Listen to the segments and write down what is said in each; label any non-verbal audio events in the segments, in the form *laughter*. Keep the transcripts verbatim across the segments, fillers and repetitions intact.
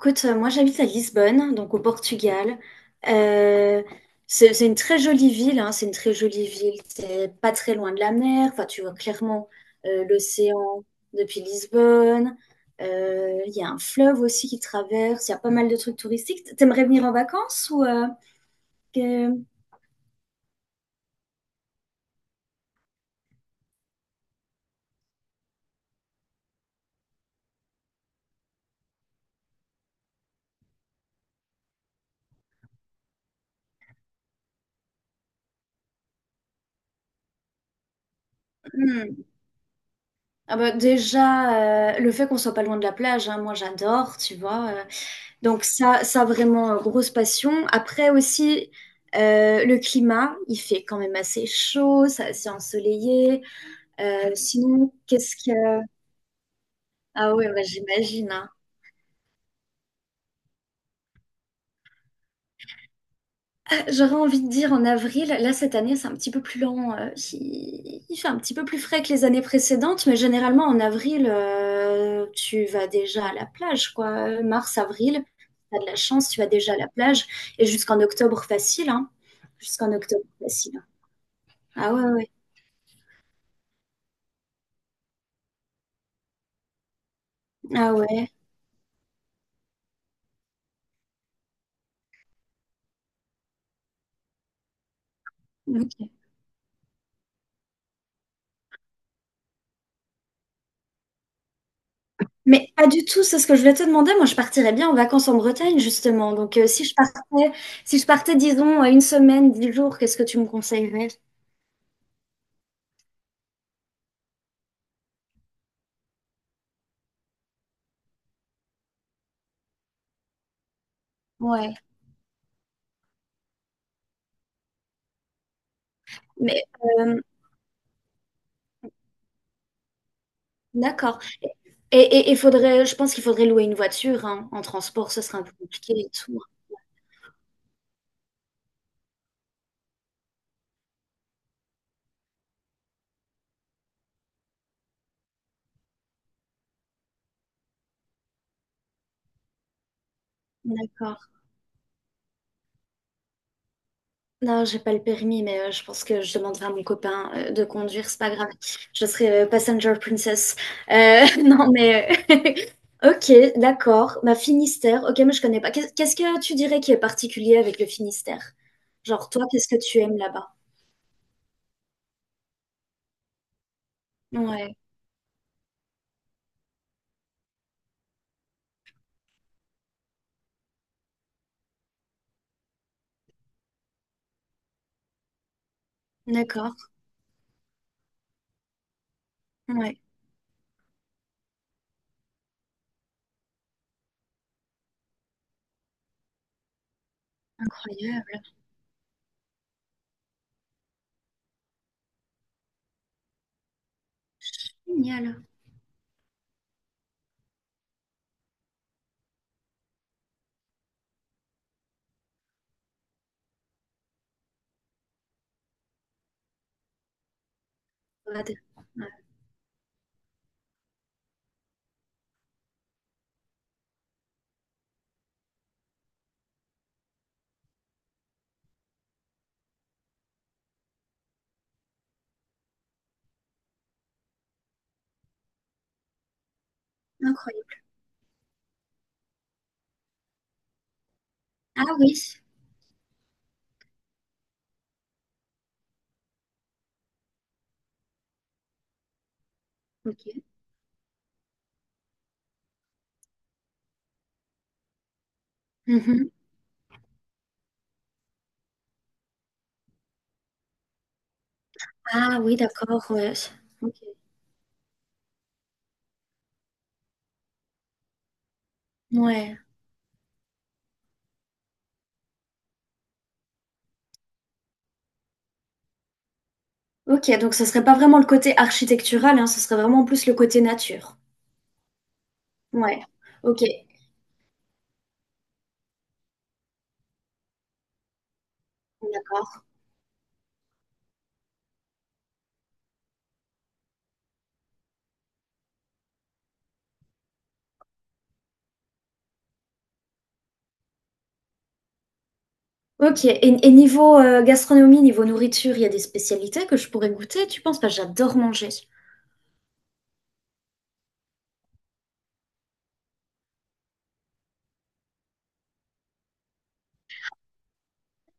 Écoute, euh, moi j'habite à Lisbonne, donc au Portugal. Euh, c'est c'est une très jolie ville, hein, c'est une très jolie ville. C'est pas très loin de la mer. Enfin, tu vois clairement euh, l'océan depuis Lisbonne. Euh, Il y a un fleuve aussi qui traverse. Il y a pas mal de trucs touristiques. T'aimerais venir en vacances ou euh, que- Hmm. Ah bah, déjà euh, le fait qu'on soit pas loin de la plage, hein, moi j'adore, tu vois. euh, Donc ça, ça vraiment, euh, grosse passion. Après aussi, euh, le climat, il fait quand même assez chaud, ça- c'est ensoleillé. Euh, sinon, qu'est-ce que... Ah ouais, bah, j'imagine, hein. J'aurais envie de dire en avril, là cette année c'est un petit peu plus lent, euh, il, il fait un petit peu plus frais que les années précédentes, mais généralement en avril, euh, tu vas déjà à la plage, quoi. Euh, Mars, avril, t'as de la chance, tu vas déjà à la plage, et jusqu'en octobre facile, hein. Jusqu'en octobre facile. Ah ouais, ouais. Ah ouais. OK. Mais pas du tout, c'est ce que je voulais te demander. Moi, je partirais bien en vacances en Bretagne, justement. Donc, euh, si je partais, si je partais, disons, euh, une semaine, dix jours, qu'est-ce que tu me conseillerais? Ouais. Mais euh, d'accord. Et, et, et faudrait, je pense qu'il faudrait louer une voiture, hein. En transport, ce serait un peu compliqué et tout. D'accord. Non, j'ai pas le permis, mais euh, je pense que je demanderai à mon copain euh, de conduire, c'est pas grave. Je serai euh, passenger princess. Euh, *laughs* non, mais euh, *laughs* ok, d'accord. Ma Finistère, ok, mais je connais pas. Qu'est- Qu'est-ce que tu dirais qui est particulier avec le Finistère? Genre toi, qu'est-ce que tu aimes là-bas? Ouais, d'accord. Ouais, incroyable, génial. Regarde. Ouais, incroyable. Ah oui, ok. Mhm. Ah oui, d'accord, ouais. Ok. Ouais. Ok, donc ce serait pas vraiment le côté architectural, hein, ce serait vraiment plus le côté nature. Ouais, ok, d'accord. Ok, et, et niveau euh, gastronomie, niveau nourriture, il y a des spécialités que je pourrais goûter, tu penses? Parce que j'adore manger.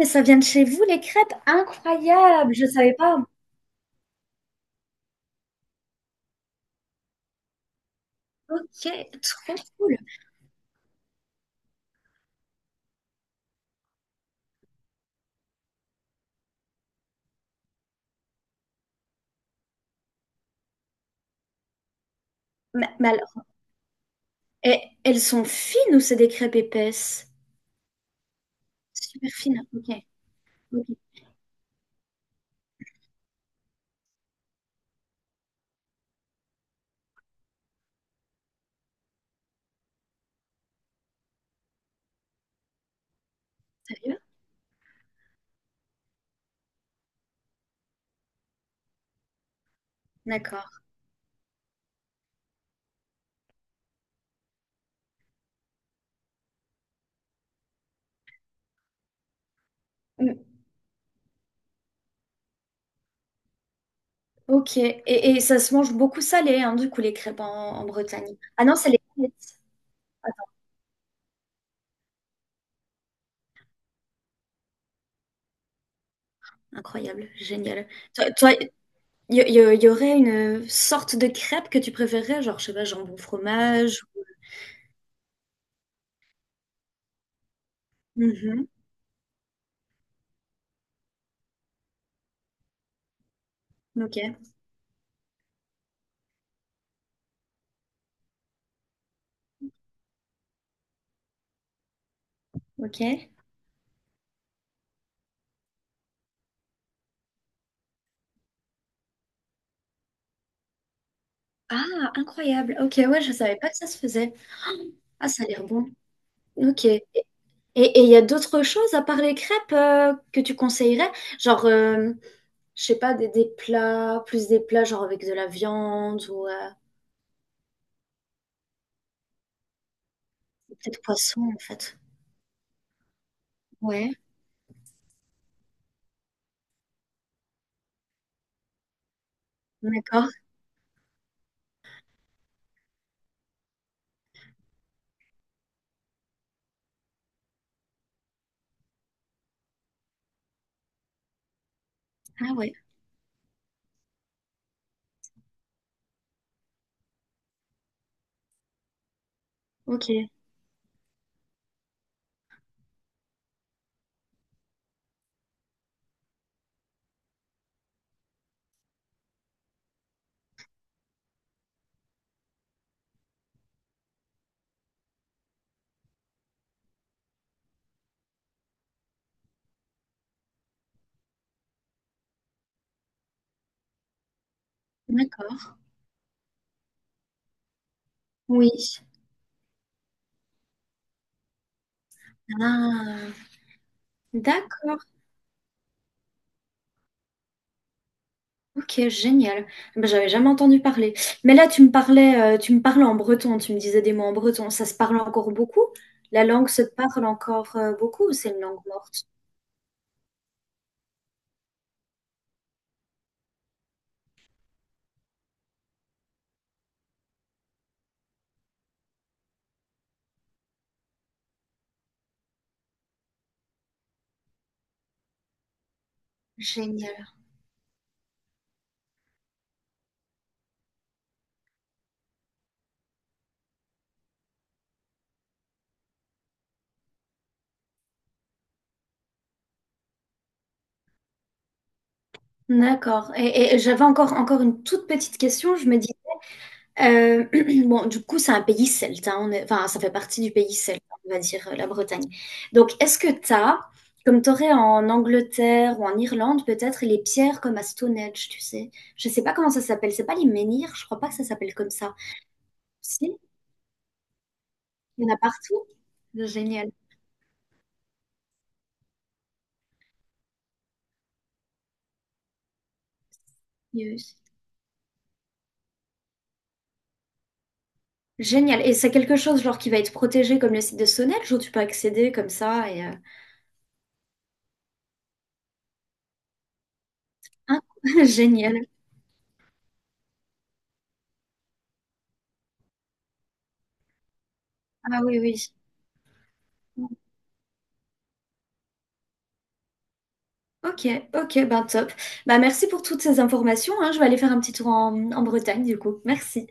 Mais ça vient de chez vous, les crêpes? Incroyable, je savais pas. Ok, trop cool. Mais, mais alors, et- elles sont fines ou c'est des crêpes épaisses? Super fines, ok. Ok, sérieux? D'accord. Mm, ok, et, et ça se mange beaucoup salé, hein, du coup, les crêpes en, en Bretagne. Ah non, c'est les incroyable, génial. Toi, toi, y, y- y aurait une sorte de crêpe que tu préférerais, genre, je sais pas, jambon fromage ou- Mhm, ok, ok. Ah, incroyable. Ok, ouais, je savais pas que ça se faisait. Ah, ça a l'air bon. Ok. Et et il y a d'autres choses à part les crêpes euh, que tu conseillerais? Genre, euh, je sais pas, des, des plats, plus des plats genre avec de la viande ou euh, peut-être poisson en fait. Ouais, d'accord. Ah ouais, ok, d'accord. Oui. Ah. D'accord, ok, génial. Eh Ben, j'avais jamais entendu parler. Mais là, tu me parlais, euh, tu me parlais en breton, tu me disais des mots en breton. Ça se parle encore beaucoup? La langue se parle encore euh, beaucoup ou c'est une langue morte? Génial. D'accord. Et, et j'avais encore, encore une toute petite question. Je me dis Euh, *clears throat* bon, du coup, c'est un pays celte, hein, on est- enfin, ça fait partie du pays celte, on va dire, euh, la Bretagne. Donc, est-ce que tu as, comme tu aurais en Angleterre ou en Irlande, peut-être les pierres comme à Stonehenge, tu sais? Je sais pas comment ça s'appelle, c'est pas les menhirs, je crois pas que ça s'appelle comme ça. Si, il y en a partout. Génial. Yes. Génial. Et c'est quelque chose genre qui va être protégé comme le site de Stonehenge où tu peux accéder comme ça et euh, hein, *laughs* génial. Ah oui, oui. Ok, ok, ben top. Bah merci pour toutes ces informations, hein. Je vais aller faire un petit tour en, en Bretagne, du coup. Merci.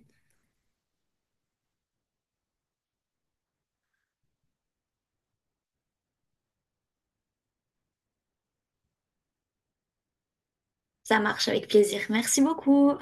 Ça marche avec plaisir. Merci beaucoup.